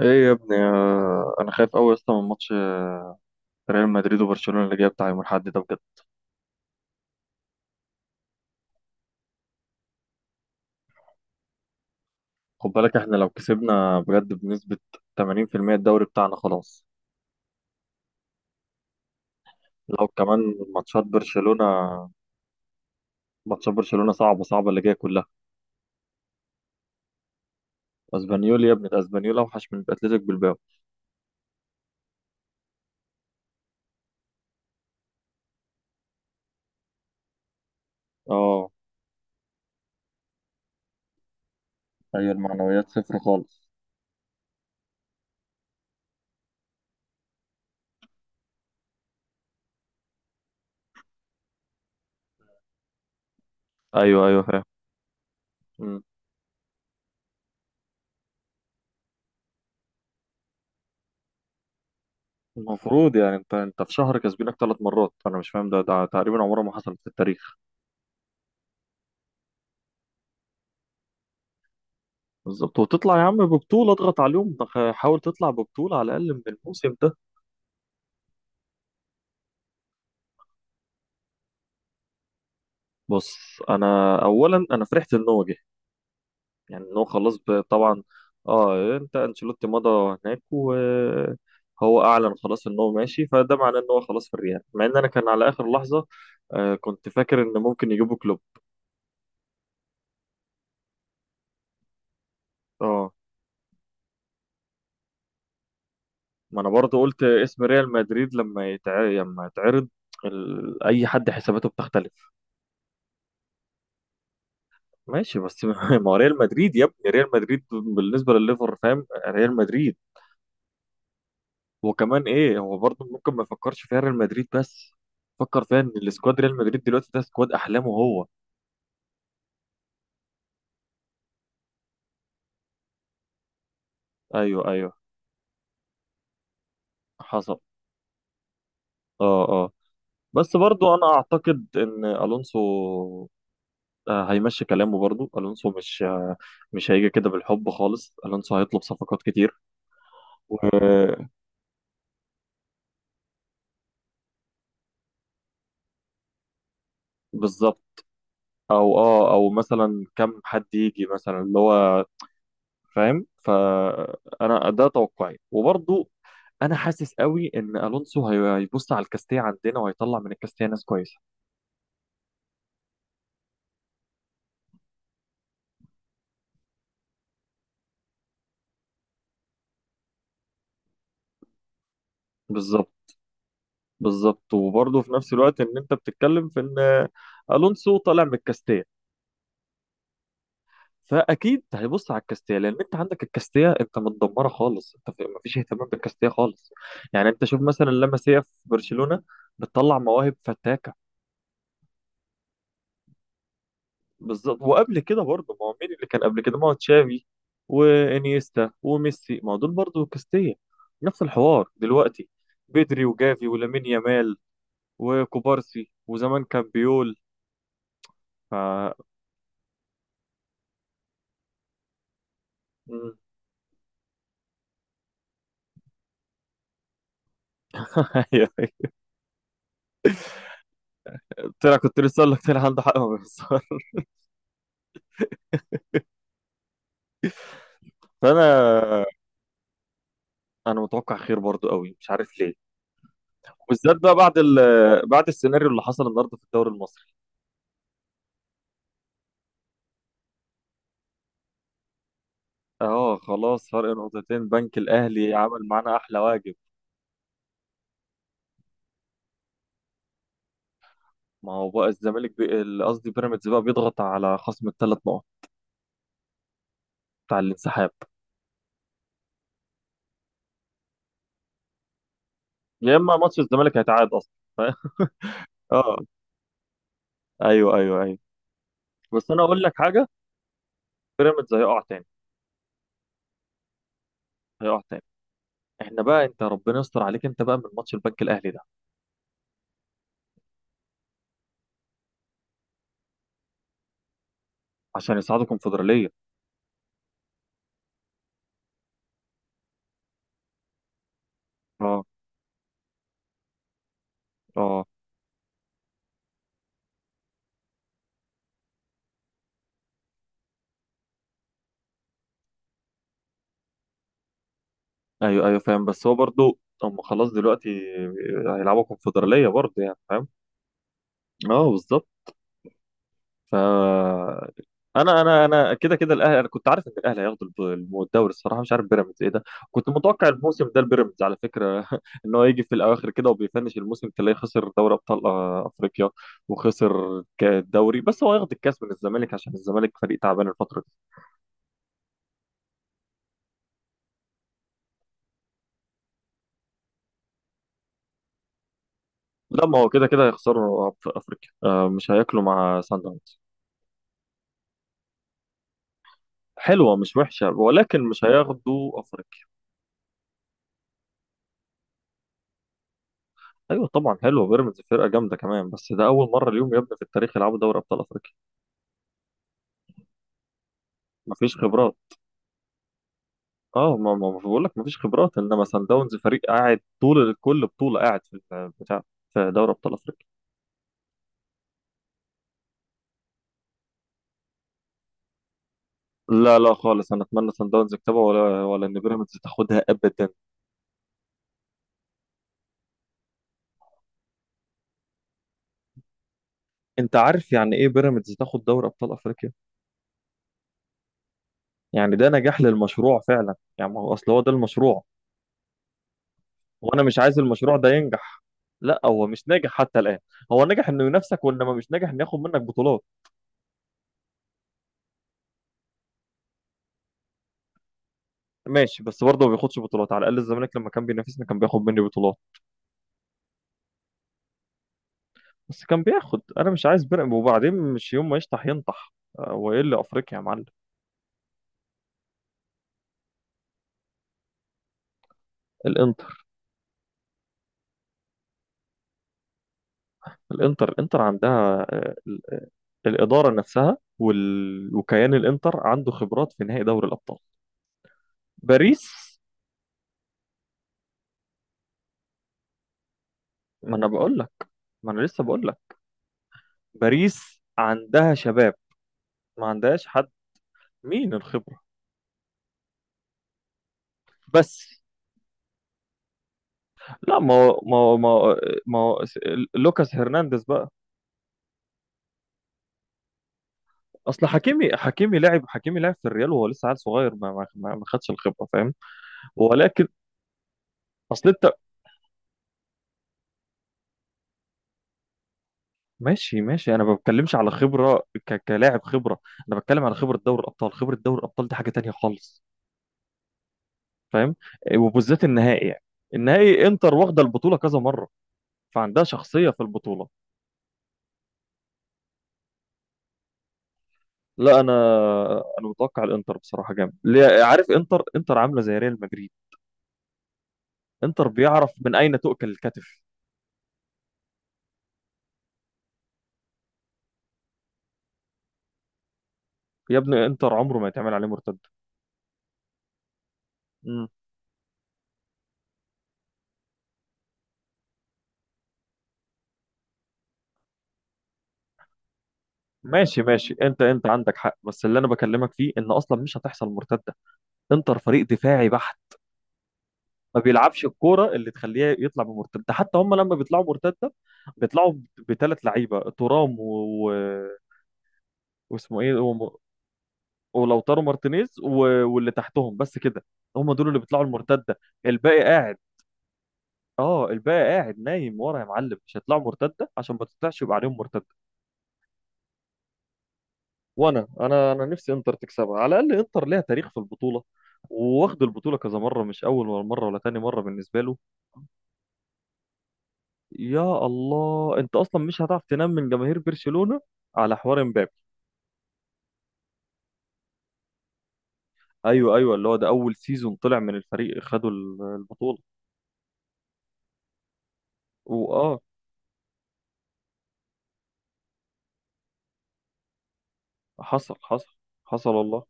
ايه يا ابني، انا خايف قوي اصلا من ماتش ريال مدريد وبرشلونة اللي جاي بتاع يوم الاحد ده بجد. خد بالك، احنا لو كسبنا بجد بنسبة 80% الدوري بتاعنا خلاص. لو كمان ماتشات برشلونة ماتشات برشلونة صعبة صعبة اللي جاية كلها. اسبانيول يا ابني، ده اسبانيول اوحش من اتلتيك بالباو. اه، ايوه، المعنويات صفر خالص. ايوه، ايوه، فاهم. مم. المفروض يعني انت في شهر كسبينك ثلاث مرات. انا مش فاهم ده تقريبا عمره ما حصلت في التاريخ. بالظبط، وتطلع يا عم ببطولة، اضغط عليهم، حاول تطلع ببطولة على الأقل من الموسم ده. بص، أنا أولا أنا فرحت إن هو جه. يعني إن هو خلاص طبعا. أه، أنت أنشيلوتي مضى هناك وهو أعلن خلاص إن هو ماشي، فده معناه إن هو خلاص في الريال، مع إن أنا كان على آخر لحظة. كنت فاكر إن ممكن يجيبوا كلوب. أه، ما أنا برضه قلت اسم ريال مدريد لما يتعرض. أي حد حساباته بتختلف. ماشي بس ما هو ريال مدريد يا ابني، ريال مدريد بالنسبه لليفر، فاهم؟ ريال مدريد. وكمان ايه، هو برضه ممكن ما يفكرش فيها ريال مدريد، بس فكر فيها ان السكواد ريال مدريد دلوقتي ده سكواد احلامه هو. ايوه، ايوه، حصل. اه، اه. بس برضه انا اعتقد ان الونسو هيمشي كلامه، برضه الونسو مش مش هيجي كده بالحب خالص، الونسو هيطلب صفقات كتير. و- بالظبط. او مثلا كم حد يجي مثلا اللي هو. فاهم، فانا ده توقعي وبرضو انا حاسس قوي ان الونسو هيبص على الكاستيه عندنا، وهيطلع من الكاستيه ناس كويسه. بالظبط، بالظبط. وبرضه في نفس الوقت ان انت بتتكلم في ان الونسو طالع من الكاستيه، فاكيد هيبص على الكاستيه، لان انت عندك الكاستيه انت متدمره خالص، انت مفيش اهتمام بالكاستيه خالص. يعني انت شوف مثلا لاماسيا في برشلونه بتطلع مواهب فتاكه. بالظبط، وقبل كده برضه، ما هو مين اللي كان قبل كده؟ ما هو تشافي وانيستا وميسي، ما هو دول برضه كاستيا. نفس الحوار دلوقتي، بدري وجافي ولامين يامال وكوبارسي، وزمان كان بيول. ف. مم. أيوة. كنت لسه اقول لك طلع عنده حق ما بيخسرش. فانا متوقع خير برضه قوي، مش عارف ليه. بالذات بقى بعد بعد السيناريو اللي حصل النهارده في الدوري المصري. اه، خلاص فرق نقطتين، بنك الاهلي عمل معانا احلى واجب. ما هو بقى الزمالك قصدي بيراميدز بقى بيضغط على خصم الثلاث نقط بتاع الانسحاب. يا اما ماتش الزمالك هيتعاد اصلا ف- اه، ايوه، ايوه، ايوه. بس انا اقول لك حاجه، بيراميدز هيقع تاني. هيقع تاني. احنا بقى، انت ربنا يستر عليك، انت بقى من ماتش البنك الاهلي ده. عشان يصعدوا كونفدراليه. اه، اه، ايوه، ايوه، فاهم. بس هو برضو هم خلاص دلوقتي هيلعبوا كونفدراليه برضه، يعني فاهم. اه بالظبط. ف انا كده كده، الاهلي، انا كنت عارف ان الاهلي هياخدوا الدوري. الصراحه مش عارف بيراميدز ايه ده. كنت متوقع الموسم ده البيراميدز على فكره ان هو يجي في الاواخر كده، وبيفنش الموسم تلاقيه خسر دوري ابطال افريقيا. وخسر الدوري، بس هو ياخد الكاس من الزمالك عشان الزمالك فريق تعبان الفتره دي. لا، ما هو كده كده هيخسروا في افريقيا، مش هياكلوا مع سان داونز. حلوه مش وحشه، ولكن مش هياخدوا افريقيا. ايوه طبعا، حلوه، بيراميدز فرقه جامده كمان، بس ده اول مره اليوم يا ابني في التاريخ يلعبوا دوري ابطال افريقيا. مفيش خبرات. اه، ما ما ما بقول لك مفيش خبرات، انما سان داونز فريق قاعد طول كل بطوله، قاعد في بتاع في دوري ابطال افريقيا. لا لا خالص، انا اتمنى سان داونز يكسبها ولا ولا ان بيراميدز تاخدها ابدا. انت عارف يعني ايه بيراميدز تاخد دوري ابطال افريقيا؟ يعني ده نجاح للمشروع فعلا يعني، ما هو اصل هو ده المشروع. وانا مش عايز المشروع ده ينجح. لا، هو مش ناجح حتى الان. هو نجح انه ينافسك، وانما مش ناجح انه ياخد منك بطولات. ماشي، بس برضه ما بياخدش بطولات. على الاقل الزمالك لما كان بينافسنا كان بياخد مني بطولات. بس كان بياخد، انا مش عايز بنقم، وبعدين مش يوم ما يشطح ينطح. وايه اللي افريقيا يا معلم. الانتر الانتر عندها الاداره نفسها وكيان الانتر عنده خبرات في نهائي دوري الابطال. باريس. ما انا بقول لك ما انا لسه بقول لك. باريس عندها شباب، ما عندهاش حد. مين الخبره؟ بس لا، ما هو- ما هو- ما هو- ما هو س- لوكاس هرنانديز بقى. اصل حكيمي حكيمي لعب حكيمي لعب في الريال، وهو لسه عيل صغير، ما خدش الخبره، فاهم؟ ولكن، اصل انت. ماشي ماشي، انا ما بتكلمش على خبره كلاعب خبره. انا بتكلم على خبره دوري الابطال. خبره دوري الابطال دي حاجه تانية خالص. فاهم؟ إيه، وبالذات النهائي يعني، النهائي، انتر واخده البطوله كذا مره، فعندها شخصيه في البطوله. لا، انا متوقع الانتر بصراحه جامد، عارف، انتر عامله زي ريال مدريد. انتر بيعرف من اين تؤكل الكتف. يا ابني، انتر عمره ما يتعمل عليه مرتده. مم. ماشي ماشي، انت عندك حق، بس اللي انا بكلمك فيه ان اصلا مش هتحصل مرتده. انتر فريق دفاعي بحت. ما بيلعبش الكوره اللي تخليه يطلع بمرتده، ده حتى هم لما بيطلعوا مرتده، بيطلعوا بثلاث لعيبه، ترام واسمه ايه ولوتارو مارتينيز واللي تحتهم، بس كده. هم دول اللي بيطلعوا المرتده. الباقي قاعد. اه، الباقي قاعد نايم ورا يا معلم، مش هيطلعوا مرتده، عشان ما تطلعش يبقى عليهم مرتده. وانا انا انا نفسي انتر تكسبها، على الاقل انتر ليها تاريخ في البطوله، وواخد البطوله كذا مره، مش اول ولا مره ولا تاني مره بالنسبه له. يا الله، انت اصلا مش هتعرف تنام من جماهير برشلونة على حوار امبابي. ايوه، ايوه، اللي هو ده اول سيزون طلع من الفريق خدوا البطولة. واه، حصل. حصل. حصل والله.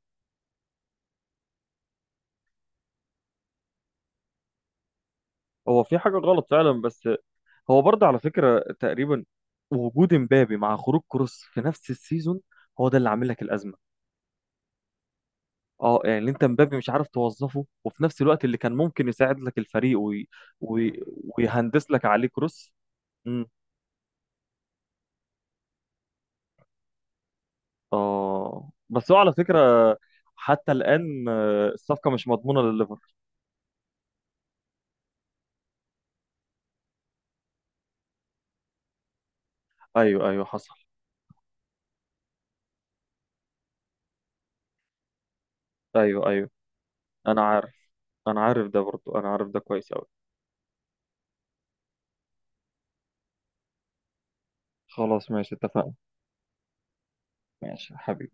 هو في حاجة غلط فعلا، بس هو برضه على فكرة تقريبا، وجود امبابي مع خروج كروس في نفس السيزون هو ده اللي عامل لك الأزمة. اه، يعني انت امبابي مش عارف توظفه، وفي نفس الوقت اللي كان ممكن يساعد لك الفريق وي... ويهندس لك عليه كروس. اه، بس هو على فكرة حتى الآن الصفقة مش مضمونة لليفر. ايوه، ايوه، حصل. ايوه ايوه، انا عارف انا عارف ده برضو، انا عارف ده كويس قوي. خلاص ماشي، اتفقنا. ماشي حبيبي.